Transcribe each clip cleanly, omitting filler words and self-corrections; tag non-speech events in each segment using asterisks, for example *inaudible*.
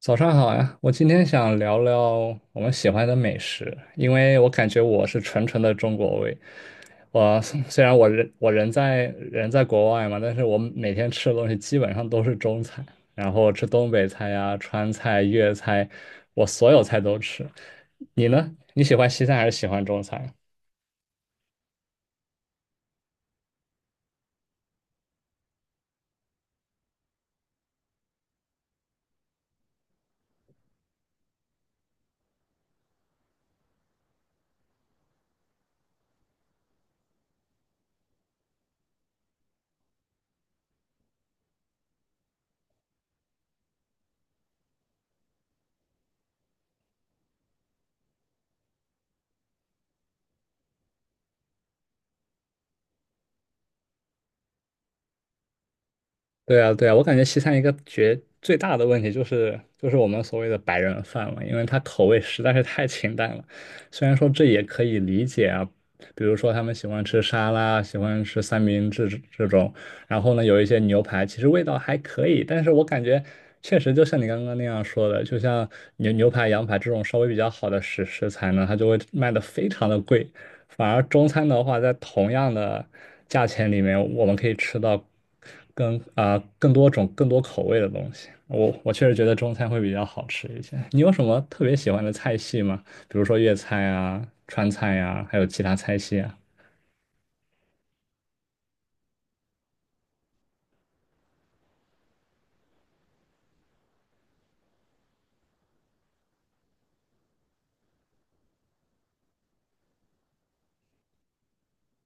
早上好呀，我今天想聊聊我们喜欢的美食，因为我感觉我是纯纯的中国胃。我虽然我人在国外嘛，但是我每天吃的东西基本上都是中餐，然后吃东北菜呀、川菜、粤菜，我所有菜都吃。你呢？你喜欢西餐还是喜欢中餐？对啊，对啊，我感觉西餐一个最大的问题就是我们所谓的白人饭嘛，因为它口味实在是太清淡了。虽然说这也可以理解啊，比如说他们喜欢吃沙拉，喜欢吃三明治这种，然后呢有一些牛排，其实味道还可以，但是我感觉确实就像你刚刚那样说的，就像牛排、羊排这种稍微比较好的食材呢，它就会卖的非常的贵。反而中餐的话，在同样的价钱里面，我们可以吃到更多种、更多口味的东西。我确实觉得中餐会比较好吃一些。你有什么特别喜欢的菜系吗？比如说粤菜啊、川菜呀、还有其他菜系啊？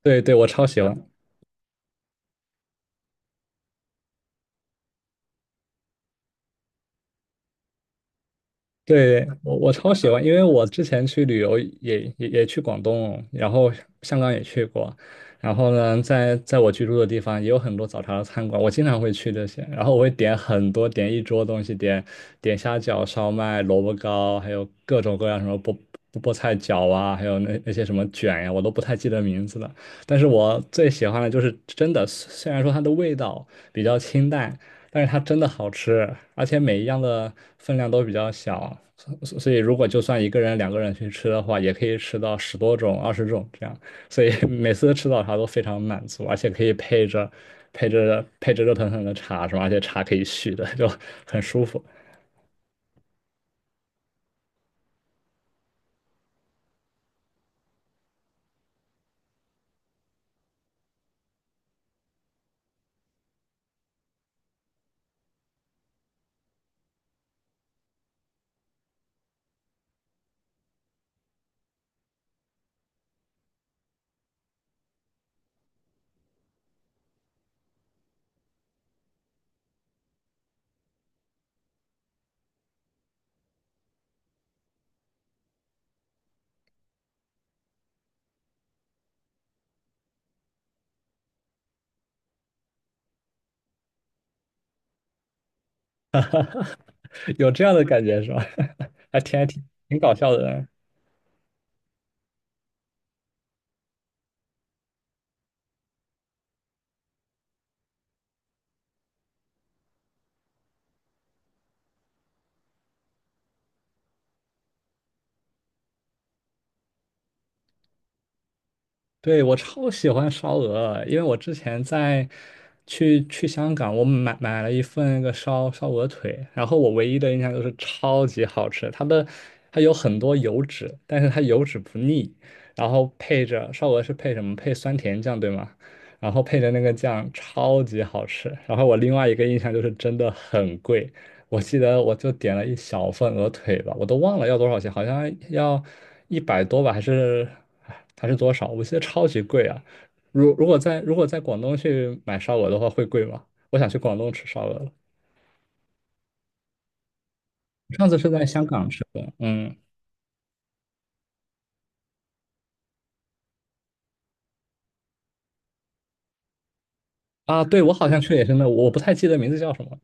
对对，我超喜欢。对，我超喜欢，因为我之前去旅游也去广东，然后香港也去过，然后呢，在我居住的地方也有很多早茶的餐馆，我经常会去这些，然后我会点很多，点一桌东西，点虾饺、烧麦、萝卜糕，还有各种各样什么菠菜饺啊，还有那些什么卷呀、我都不太记得名字了。但是我最喜欢的就是真的，虽然说它的味道比较清淡。但是它真的好吃，而且每一样的分量都比较小，所以如果就算一个人、两个人去吃的话，也可以吃到10多种、20种这样，所以 *laughs* 每次吃早茶都非常满足，而且可以配着热腾腾的茶是吧？而且茶可以续的，就很舒服，有这样的感觉是吧？*laughs* 还挺搞笑的，对，我超喜欢烧鹅，因为我之前去香港，我买了一份那个烧鹅腿，然后我唯一的印象就是超级好吃，它有很多油脂，但是它油脂不腻，然后配着烧鹅是配什么？配酸甜酱，对吗？然后配着那个酱超级好吃。然后我另外一个印象就是真的很贵，我记得我就点了一小份鹅腿吧，我都忘了要多少钱，好像要100多吧，还是多少？我记得超级贵啊！如果在广东去买烧鹅的话，会贵吗？我想去广东吃烧鹅了，上次是在香港吃的，嗯啊，对，我好像去的也是那，我不太记得名字叫什么。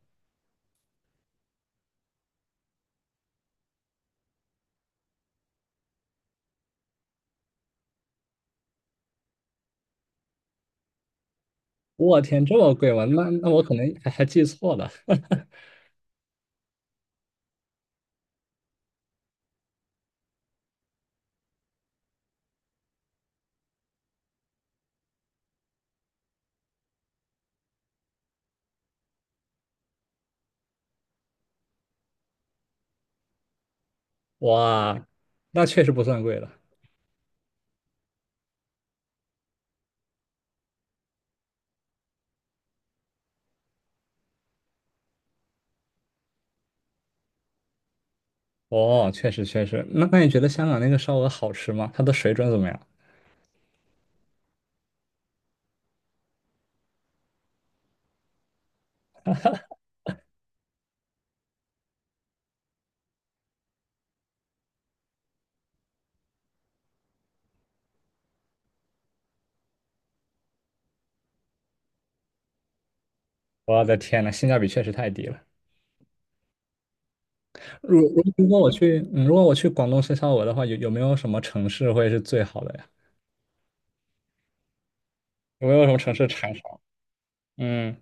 我天，这么贵吗？那我可能还记错了，*laughs* 哇，那确实不算贵了。哦，确实确实。那你觉得香港那个烧鹅好吃吗？它的水准怎么样？我的天呐，性价比确实太低了。如果我去，如果我去广东深烧鹅的话，有没有什么城市会是最好的呀？有没有什么城市产烧？嗯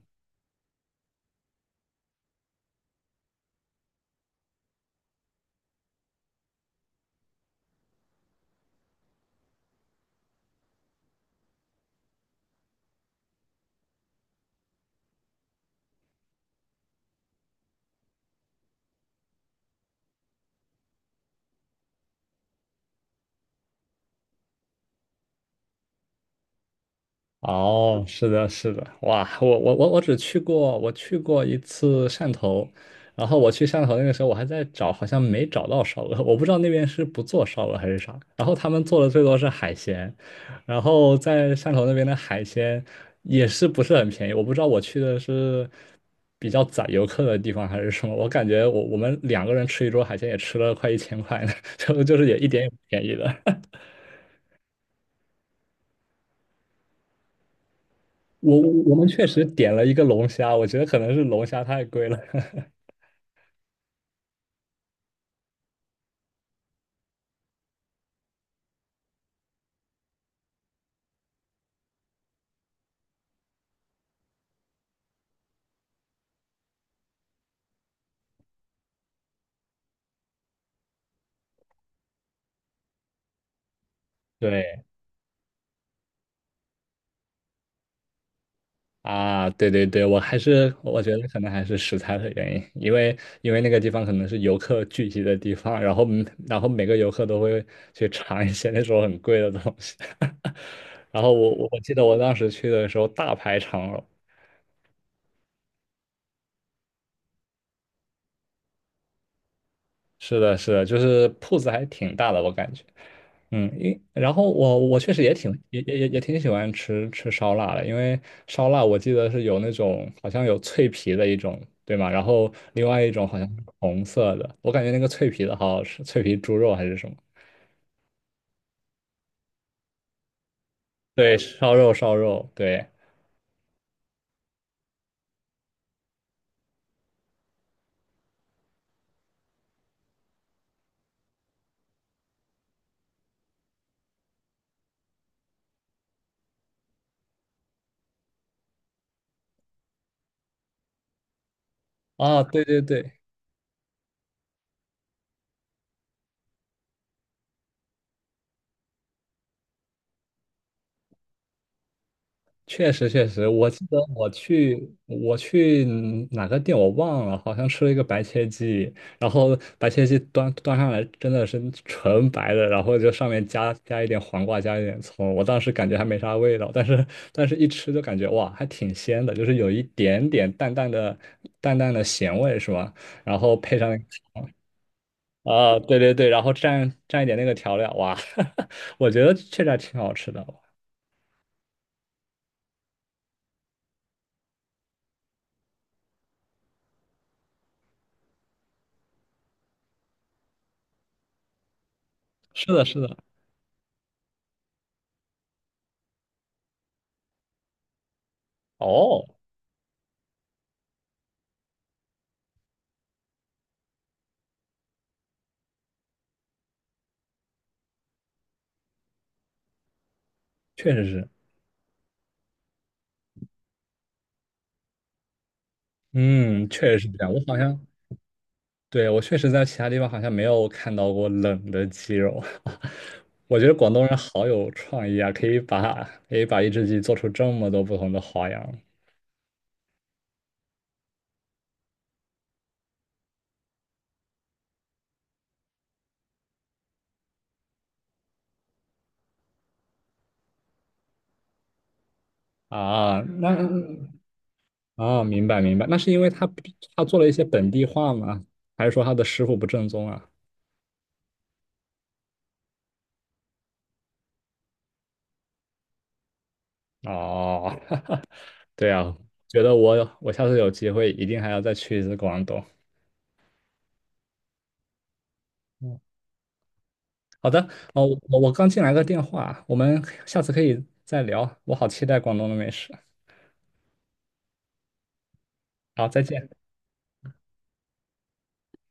哦，是的，是的，哇，我只去过，我去过一次汕头，然后我去汕头那个时候，我还在找，好像没找到烧鹅，我不知道那边是不做烧鹅还是啥，然后他们做的最多是海鲜，然后在汕头那边的海鲜也是不是很便宜，我不知道我去的是比较宰游客的地方还是什么，我感觉我们两个人吃一桌海鲜也吃了快1000块呢，*laughs* 就是也一点也不便宜的，我我们确实点了一个龙虾，我觉得可能是龙虾太贵了。*laughs* 对啊，对对对，我还是我觉得可能还是食材的原因，因为那个地方可能是游客聚集的地方，然后每个游客都会去尝一些那种很贵的东西。*laughs* 然后我记得我当时去的时候大排长龙，是的，是的，就是铺子还挺大的，我感觉。嗯，然后我确实也挺也也也也挺喜欢吃烧腊的，因为烧腊我记得是有那种好像有脆皮的一种，对吗？然后另外一种好像是红色的，我感觉那个脆皮的好好吃，脆皮猪肉还是什么？对，烧肉烧肉，对，啊，对对对，确实确实，我记得我去哪个店我忘了，好像吃了一个白切鸡，然后白切鸡端上来真的是纯白的，然后就上面加一点黄瓜，加一点葱，我当时感觉还没啥味道，但是一吃就感觉哇，还挺鲜的，就是有一点点淡淡的咸味是吧？然后配上那个糖啊，对对对，然后蘸一点那个调料，哇，*laughs* 我觉得确实还挺好吃的，是的是的，哦，确实是。嗯，确实是这样。我好像，对，我确实在其他地方好像没有看到过冷的鸡肉。*laughs* 我觉得广东人好有创意啊，可以把一只鸡做出这么多不同的花样啊。那啊，明白明白，那是因为他做了一些本地化吗？还是说他的师傅不正宗啊？哦，*laughs* 对啊，觉得我下次有机会一定还要再去一次广东。好的，哦，我刚进来个电话，我们下次可以再聊。我好期待广东的美食。好，再见。